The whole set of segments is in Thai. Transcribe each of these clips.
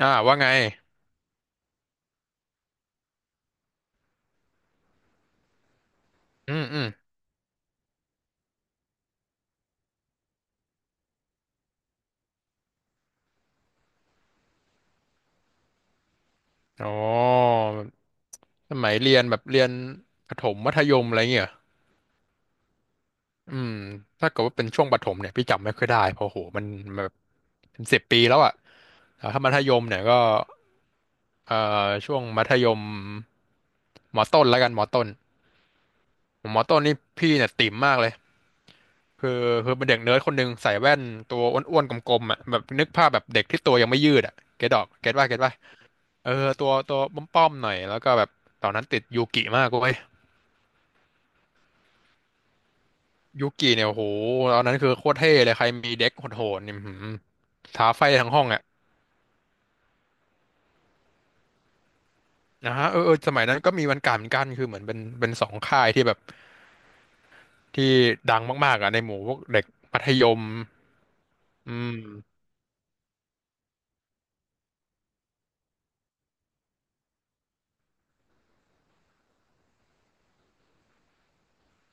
อ่าว่าไง อืมอืมอ๋อสมัยเรียนแบบเรียนประถมมัธยมอะไรเงี้ยเหรออืมถ้าเกิดว่าเป็นช่วงประถมเนี่ยพี่จำไม่ค่อยได้เพราะโหมันแบบเป็น10 ปีแล้วอ่ะแต่ถ้ามัธยมเนี่ยก็เอ่ช่วงมัธยมมอต้นแล้วกันมอต้นมอต้นนี่พี่เนี่ยติ่มมากเลยคือคือเป็นเด็กเนิร์ดคนหนึ่งใส่แว่นตัวอ้วนๆกลมๆอ่ะแบบนึกภาพแบบเด็กที่ตัวยังไม่ยืดอ่ะเก็ตดอกเก็ตว่าเก็ตว่า เออตัวป้อมๆหน่อยแล้วก็แบบตอนนั้นติดยูกิมากเว้ยยูกิเนี่ยโอ้โหตอนนั้นคือโคตรเท่เลยใครมีเด็กโหดๆนี่อื้อหือท้าไฟทั้งห้องอ่ะนะฮะเออเออสมัยนั้นก็มีวันการเหมือนกันคือเหมือนเป็นสองค่ายที่แบบที่ดังมากๆอ่ะในหมู่พวกเด็กมัธยมอืม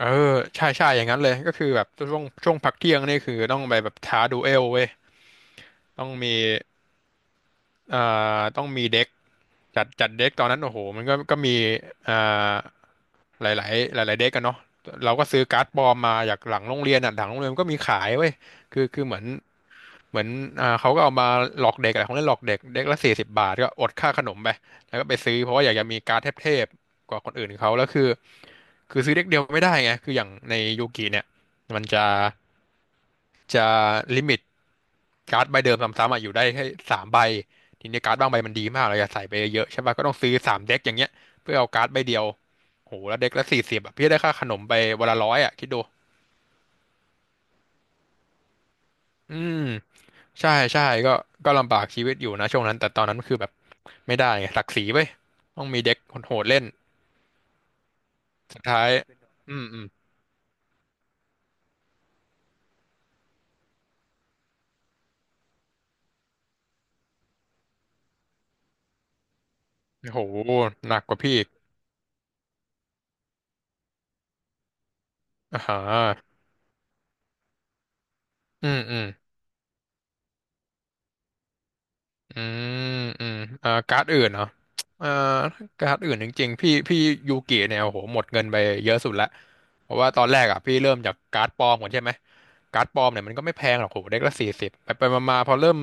เออใช่ใช่อย่างนั้นเลยก็คือแบบช่วงพักเที่ยงนี่คือต้องไปแบบท้าดูเอลเว้ยต้องมีต้องมีเด็กจัดเด็กตอนนั้นโอ้โหมันก็มีเอ่อ หลายๆหลายๆเด็กกันเนาะเราก็ซื้อการ์ดปลอมมาจากหลังโรงเรียนอ่ะหลังโรงเรียนก็มีขายเว้ยคือเหมือนเขาก็เอามาหลอกเด็กอะไรของเล่นหลอกเด็กเด็กละ40 บาทก็อดค่าขนมไปแล้วก็ไปซื้อเพราะว่าอยากจะมีการ์ดเทพๆกว่าคนอื่นเขาแล้วคือซื้อเด็กเดียวไม่ได้ไงคืออย่างในยูกิเนี่ยมันจะลิมิต การ์ดใบเดิมซ้ำๆอ่ะอยู่ได้แค่3 ใบทีนี้การ์ดบางใบมันดีมากเราอยากใส่ไปเยอะๆใช่ป่ะก็ต้องซื้อ3 เด็กอย่างเงี้ยเพื่อเอาการ์ดใบเดียวโหแล้วเด็กละสี่สิบอ่ะพี่ได้ค่าขนมไปวันละร้อยอ่ะคิดดูอืมใช่ใช่ก็ก็ลำบากชีวิตอยู่นะช่วงนั้นแต่ตอนนั้นคือแบบไม่ได้ไงศักดิ์ศรีเว้ยต้องมีเด็กโหดๆเล่นสุดท้ายอืมอืมโหหนักกว่าพี่อีกอ่าฮะอืมอืม อืมอืมการ์ดอื่นเหรอเอ่อการ์ดอื่นจริงๆพี่ยูกิเนี่ยโอ้โหหมดเงินไปเยอะสุดละเพราะว่าตอนแรกอ่ะพี่เริ่มจากการ์ดปลอมก่อนใช่ไหมการ์ดปลอมเนี่ยมันก็ไม่แพงหรอกโหเด็กละสี่สิบไปไปมาๆพอเริ่ม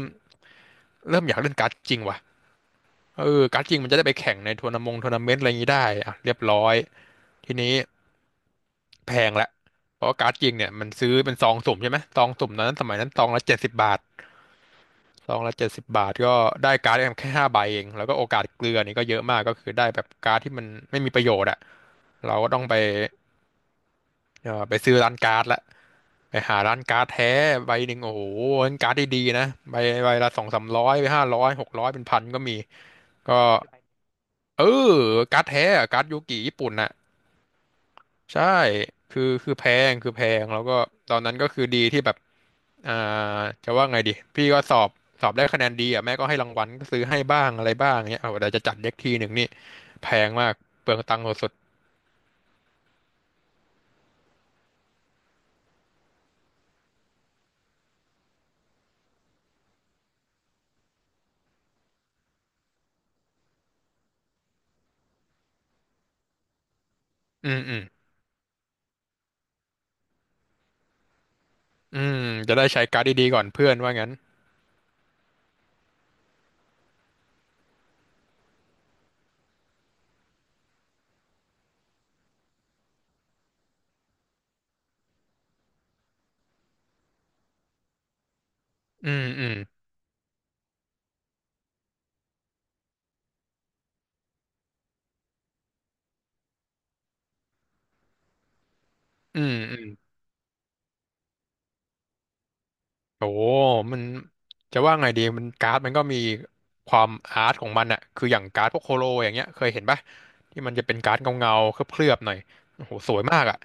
เริ่มอยากเล่นการ์ดจริงว่ะเออการ์ดจริงมันจะได้ไปแข่งในทัวร์นาเมนต์อะไรอย่างนี้ได้อ่ะเรียบร้อยทีนี้แพงละเพราะว่าการ์ดจริงเนี่ยมันซื้อเป็นซองสุ่มใช่ไหมซองสุ่มตอนนั้นสมัยนั้นซองละเจ็ดสิบบาท ซองละ70 บาทก็ได้การ์ดแค่5 ใบเองแล้วก็โอกาสเกลือนี่ก็เยอะมากก็คือได้แบบการ์ดที่มันไม่มีประโยชน์อะเราก็ต้องไปไปซื้อร้านการ์ดละไปหาร้านการ์ดแท้ใบหนึ่งโอ้โหร้านการ์ดดีๆนะใบละสองสามร้อยไปห้าร้อยหกร้อยเป็นพันก็มีก็เออการ์ดแท้อะการ์ดยูกิญี่ปุ่นอะ ใช่คือคือแพคือแพงแล้วก็ตอนนั้นก็คือดีที่แบบอ่าจะว่าไงดีพี่ก็สอบได้คะแนนดีอ่ะแม่ก็ให้รางวัลก็ซื้อให้บ้างอะไรบ้างเนี้ยเอาแต่จะจัดเด็กทีหนึ่งนี่แพงมากเปลืองตังค์สุดๆอืมอืมอืมจะได้ใช้การ์ดดีๆก่อนเพื่อนว่างั้นอืมอืมอืมอืมโอ้มันจะว่าไงดีมันการ์ดมันก็มีความอาร์ตของมันอะคืออย่างการ์ดพวกโคโลอย่างเงี้ยเคยเห็นปะที่มันจะเป็นการ์ดเงาๆเคลือบๆหน่อยโอ้โหสวยมากอะ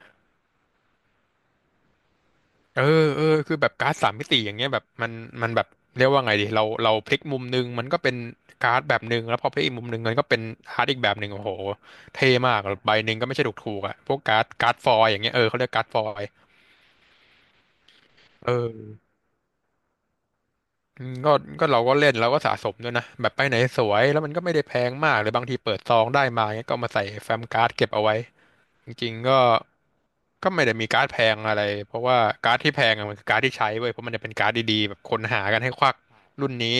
เออเออคือแบบการ์ดสามมิติอย่างเงี้ยแบบมันแบบเรียกว่าไงดีเราพลิกมุมนึงมันก็เป็นการ์ดแบบหนึ่งแล้วพอพลิกอีกมุมหนึ่งมันก็เป็นการ์ดอีกแบบหนึ่งโอ้โหเท่มากใบหนึ่งก็ไม่ใช่ถูกถูกอะพวกการ์ดฟอยล์อย่างเงี้ยเออเขาเรียกการ์ดฟอยล์เอออืมก็เราก็เล่นเราก็สะสมด้วยนะแบบไปไหนสวยแล้วมันก็ไม่ได้แพงมากหรือบางทีเปิดซองได้มาเงี้ยก็เอามาใส่แฟ้มการ์ดเก็บเอาไว้ จริงๆก็ก็ไม่ได้มีการ์ดแพงอะไรเพราะว่าการ์ดที่แพงอะมันคือการ์ดที่ใช้เว้ยเพราะมันจะเป็นการ์ดดีๆแบบคนหากันให้ควักรุ่นนี้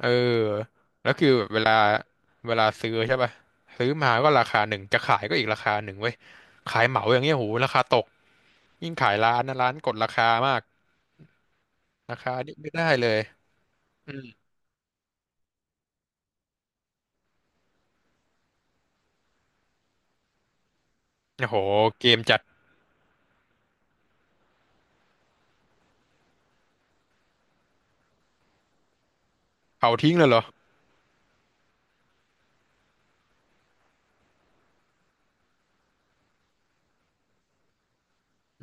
เออแล้วคือแบบเวลาเวลาซื้อใช่ป่ะซื้อมาก็ราคาหนึ่งจะขายก็อีกราคาหนึ่งเว้ยขายเหมาอย่างเงี้ยโหราคาตกยิ่งขายร้านนะร้านกดราคามากราคานี่ไม่ได้เลยอืมโอ้โหเกมจัดเผาทิ้งเลยเหรอ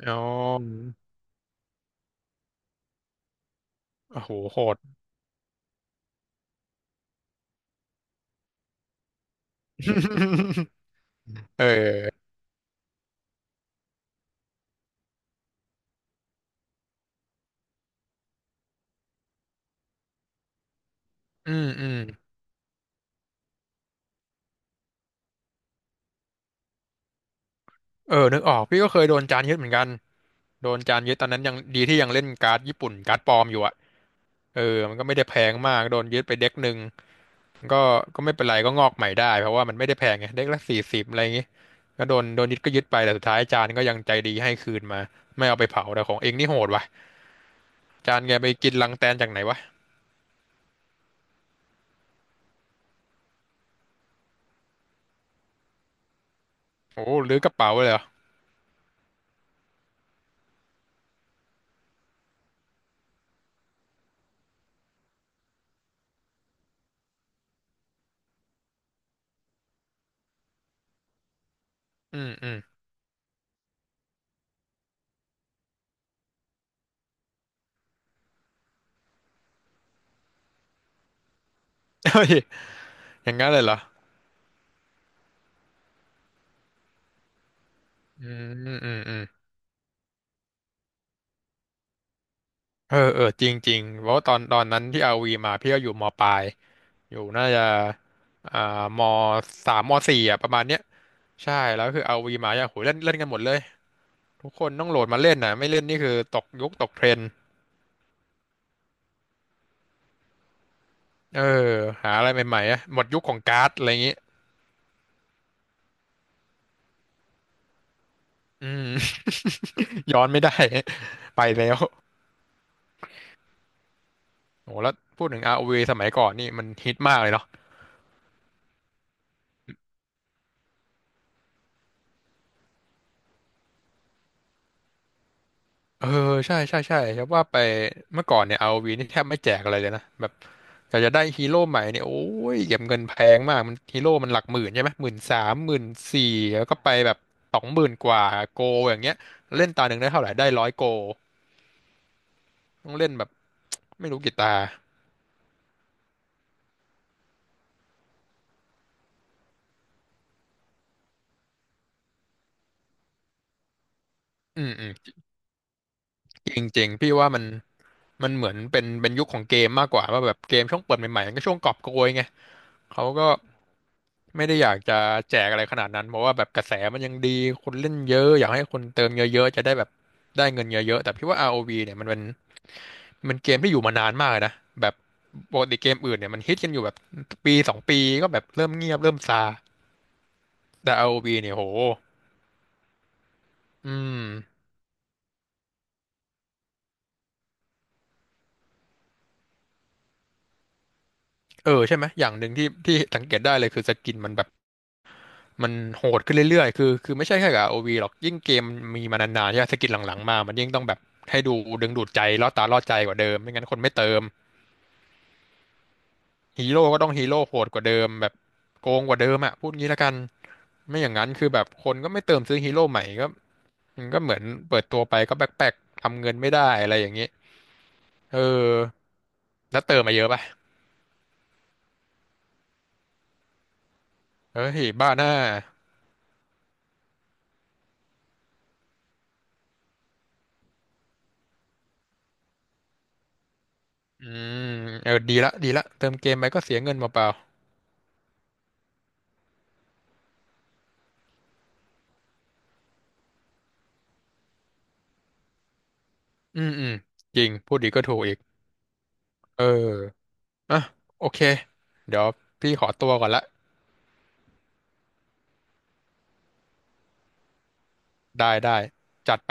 อ๋อโอ้โหโหด เอออืมอืม เออนึกออกพี่ก็เคยโดนจานยึดเหมือนกันโดนจานยึดตอนนั้นยังดีที่ยังเล่นการ์ดญี่ปุ่นการ์ดปลอมอยู่อะเออมันก็ไม่ได้แพงมาก โดนยึดไปเด็กหนึ่งก็ก็ไม่เป็นไรก็งอกใหม่ได้เพราะว่ามันไม่ได้แพงไงเด็กละ40อะไรอย่างงี้ก็โดนยึดก็ยึดไปแต่สุดท้ายจานก็ยังใจดีให้คืนมาไม่เอาไปเผาแต่ของเองนี่โหดว่ะ จานแกไปกินรังแตนจากไหนวะโอ้หรือกระเป๋าเลยเหรออืมอืม เฮ้ยอย่างนั้นเลยเหรออืมอืมอืมเออเออจริงจริงเพราะว่าตอนตอนนั้นที่อาวีมาพี่ก็อยู่มปลาย อยู่น่าจะอ่ามสามมสี่อ่ะประมาณเนี้ยใช่แล้วคือเอาวีมาอย่างโหเล่นเล่นกันหมดเลยทุกคนต้องโหลดมาเล่นนะไม่เล่นนี่คือตกยุคตกเทรนด์เออหาอะไรใหม่ๆอ่ะหมดยุคของการ์ดอะไรอย่างงี้อืม ย้อนไม่ได้ ไปแล้วโหแล้วพูดถึง ROV สมัยก่อนนี่มันฮิตมากเลยเนาะ เออใช่ใช่ใช่ครับว่าไปเมื่อก่อนเนี่ยเอาวีนี่แทบไม่แจกอะไรเลยนะแบบอยากจะได้ฮีโร่ใหม่เนี่ยโอ้ยเก็บเงินแพงมากมันฮีโร่มันหลักหมื่นใช่ไหมหมื่นสามหมื่นสี่แล้วก็ไปแบบสองหมื่นกว่าโกอย่างเงี้ยเล่นตาหนึ่งได้เท่าไหร่ได้ร้อยโกต้องเล่นแบบไม่รู้กี่ตาอืมอืมจริงจริงพี่ว่ามันมันเหมือนเป็นเป็นยุคของเกมมากกว่าว่าแบบเกมช่วงเปิดใหม่ๆมันก็ช่วงกอบโกยไงเขาก็ ไม่ได้อยากจะแจกอะไรขนาดนั้นเพราะว่าแบบกระแสมันยังดี คนเล่นเยอะอยากให้คนเติมเยอะๆ จะได้แบบได้เงินเยอะๆแต่พี่ว่า ROV เนี่ยมันเป็นมันเกมที่อยู่มานานมากเลยนะแบบปกติเกมอื่นเนี่ยมันฮิตกันอยู่แบบปีสองปีก็แบบเริ่มเงียบเริ่มซาแต่ ROV เนี่ยโหอืมเออใช่ไหมอย่างหนึ่งที่ที่สังเกตได้เลยคือสกินมันแบบมันโหดขึ้นเรื่อยๆคือคือไม่ใช่แค่กับ ROV หรอกยิ่งเกมมันมีมานานๆใช่ไหมสกินหลังๆมามันยิ่งต้องแบบให้ดูดึงดูดใจล่อตาล่อใจกว่าเดิมไม่งั้นคนไม่เติม ฮีโร่ก็ต้องฮีโร่โหดกว่าเดิมแบบโกงกว่าเดิมอะพูดงี้ละกันไม่อย่างนั้นคือแบบคนก็ไม่เติมซื้อฮีโร่ใหม่ก็มันก็เหมือนเปิดตัวไปก็แบกแปกทำเงินไม่ได้อะไรอย่างนี้เออแล้วเติมมาเยอะป่ะเฮ้ยบ้าหน้าอืมเออดีละดีละเติมเกมไปก็เสียเงินเปล่าๆอืมอืมจริงพูดดีก็ถูกอีกเอออ่ะโอเคเดี๋ยวพี่ขอตัวก่อนละได้ได้จัดไป